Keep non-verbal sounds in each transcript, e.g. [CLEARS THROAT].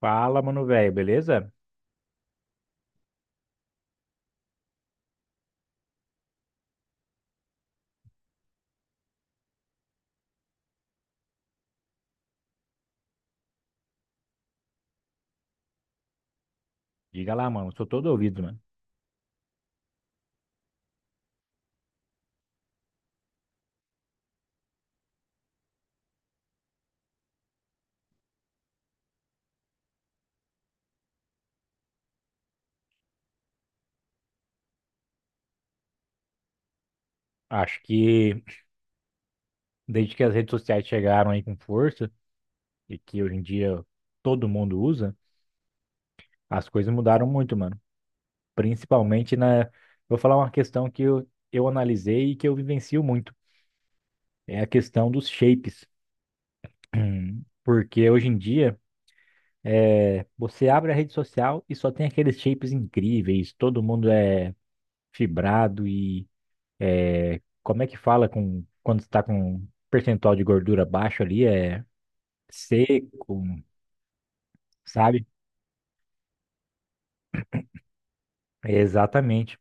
Fala, mano, velho, beleza? Diga lá, mano, sou todo ouvido, mano. Acho que desde que as redes sociais chegaram aí com força e que hoje em dia todo mundo usa, as coisas mudaram muito, mano. Principalmente na. Vou falar uma questão que eu analisei e que eu vivencio muito. É a questão dos shapes. [CLEARS THROAT] Porque hoje em dia, você abre a rede social e só tem aqueles shapes incríveis, todo mundo é fibrado. Como é que fala com quando está com um percentual de gordura baixo ali? É seco, sabe? É exatamente.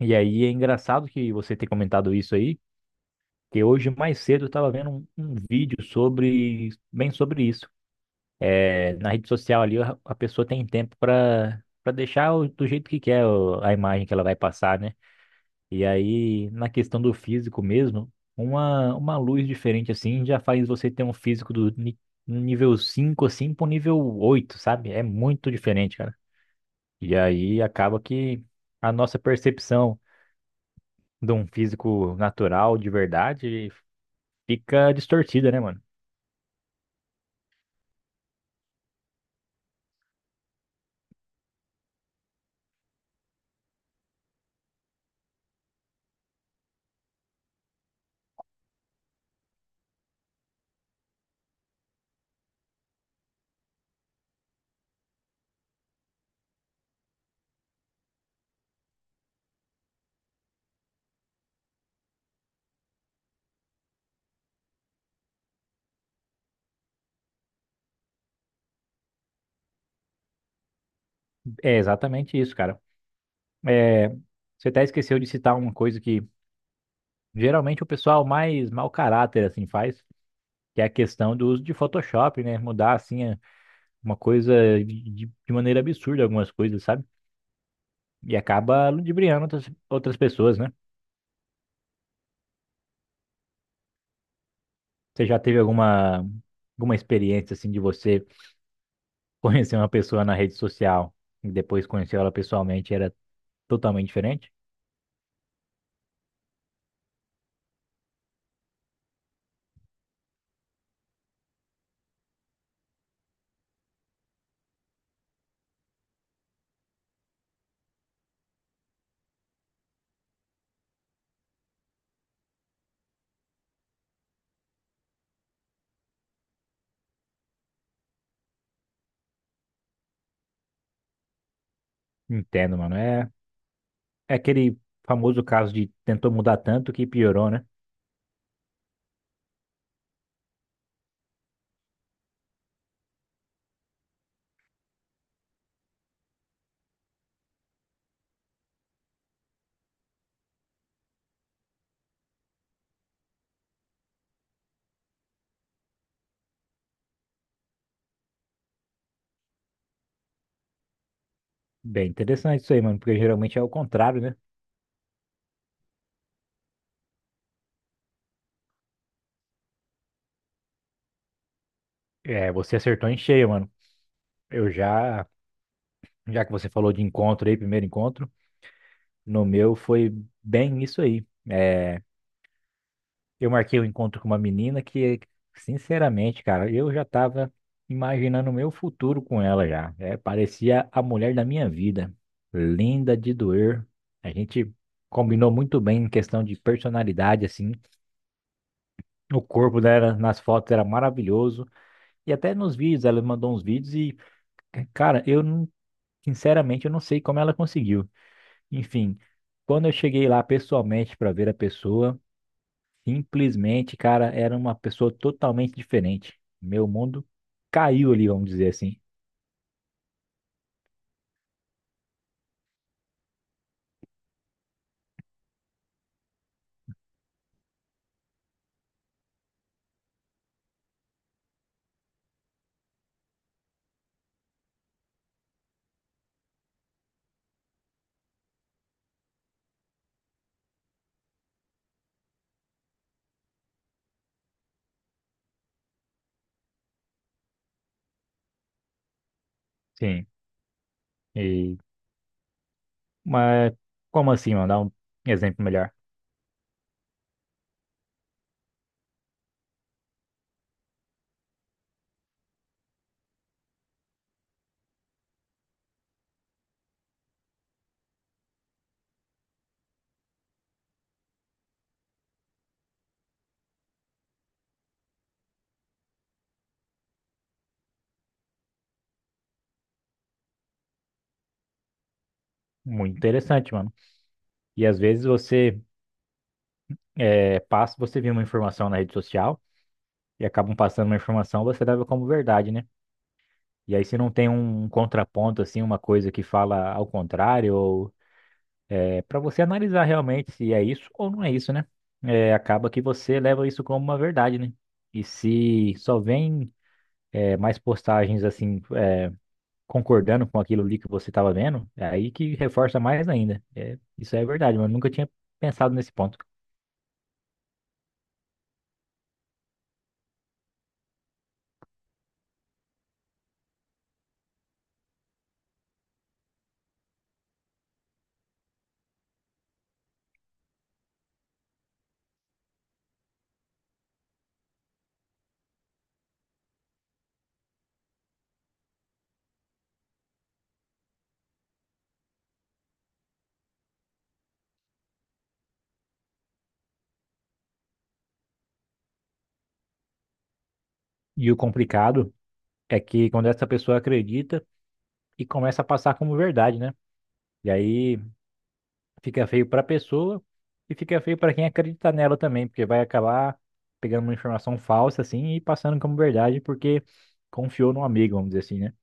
E aí é engraçado que você ter comentado isso aí, que hoje mais cedo eu estava vendo um vídeo sobre bem sobre isso. É, na rede social ali a pessoa tem tempo para deixar do jeito que quer a imagem que ela vai passar, né? E aí, na questão do físico mesmo, uma luz diferente assim já faz você ter um físico um nível 5 assim pro nível oito, sabe? É muito diferente, cara. E aí acaba que a nossa percepção de um físico natural de verdade fica distorcida, né, mano? É exatamente isso, cara. É, você até esqueceu de citar uma coisa que geralmente o pessoal mais mau caráter assim faz, que é a questão do uso de Photoshop, né? Mudar assim uma coisa de maneira absurda, algumas coisas, sabe? E acaba ludibriando outras pessoas, né? Você já teve alguma experiência, assim, de você [LAUGHS] conhecer uma pessoa na rede social e depois conhecer ela pessoalmente e era totalmente diferente? Entendo, mano. É, é aquele famoso caso de tentou mudar tanto que piorou, né? Bem interessante isso aí, mano, porque geralmente é o contrário, né? É, você acertou em cheio, mano. Eu já, já que você falou de encontro aí, primeiro encontro, no meu foi bem isso aí. É, eu marquei um encontro com uma menina que, sinceramente, cara, eu já tava imaginando o meu futuro com ela já. É, parecia a mulher da minha vida. Linda de doer. A gente combinou muito bem em questão de personalidade, assim. O corpo dela nas fotos era maravilhoso. E até nos vídeos, ela mandou uns vídeos e, cara, eu não, sinceramente, eu não sei como ela conseguiu. Enfim, quando eu cheguei lá pessoalmente para ver a pessoa. Simplesmente, cara, era uma pessoa totalmente diferente. Meu mundo caiu ali, vamos dizer assim. Sim. E, mas como assim, mano? Dá um exemplo melhor. Muito interessante, mano. E às vezes você passa, você vê uma informação na rede social e acabam passando uma informação, você leva como verdade, né? E aí se não tem um contraponto, assim, uma coisa que fala ao contrário, ou é para você analisar realmente se é isso ou não é isso, né? É, acaba que você leva isso como uma verdade, né? E se só vem mais postagens assim, concordando com aquilo ali que você estava vendo, é aí que reforça mais ainda. É, isso é verdade, mas eu nunca tinha pensado nesse ponto. E o complicado é que quando essa pessoa acredita e começa a passar como verdade, né? E aí fica feio para a pessoa e fica feio para quem acredita nela também, porque vai acabar pegando uma informação falsa assim e passando como verdade porque confiou num amigo, vamos dizer assim, né?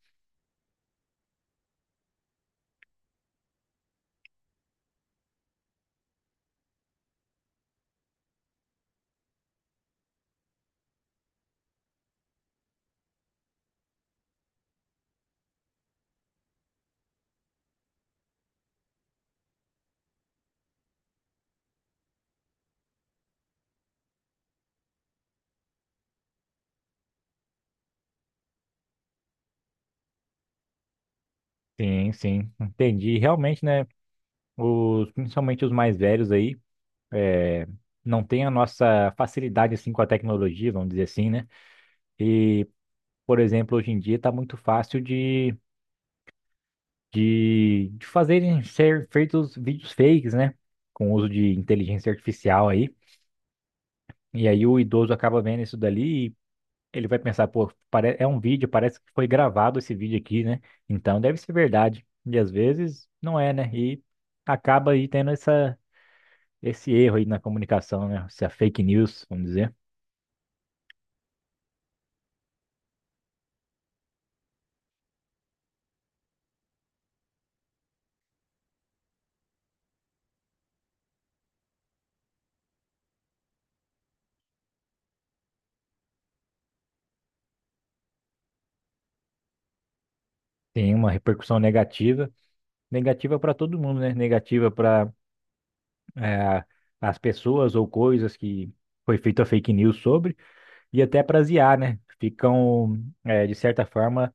Sim, sim, entendi. Realmente, né, os, principalmente os mais velhos aí, é, não tem a nossa facilidade assim com a tecnologia, vamos dizer assim, né? E, por exemplo, hoje em dia tá muito fácil de fazerem ser feitos vídeos fakes, né? Com o uso de inteligência artificial aí. E aí o idoso acaba vendo isso dali e ele vai pensar, pô, é um vídeo, parece que foi gravado esse vídeo aqui, né? Então deve ser verdade. E às vezes não é, né? E acaba aí tendo esse erro aí na comunicação, né? Essa fake news, vamos dizer. Tem uma repercussão negativa. Negativa para todo mundo, né? Negativa para as pessoas ou coisas que foi feita fake news sobre e até para as IA, né? Ficam, de certa forma,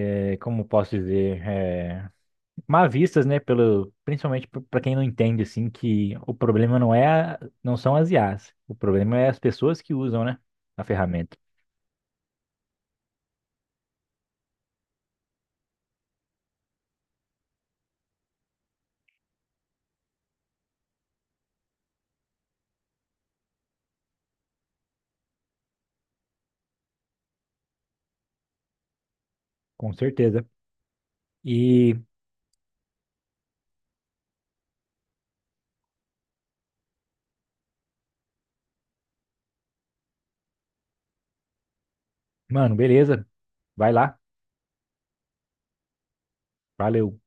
como posso dizer. Mal vistas, né, pelo, principalmente para quem não entende assim que o problema não são as IAs, o problema é as pessoas que usam, né, a ferramenta. Com certeza. E, mano, beleza, vai lá. Valeu.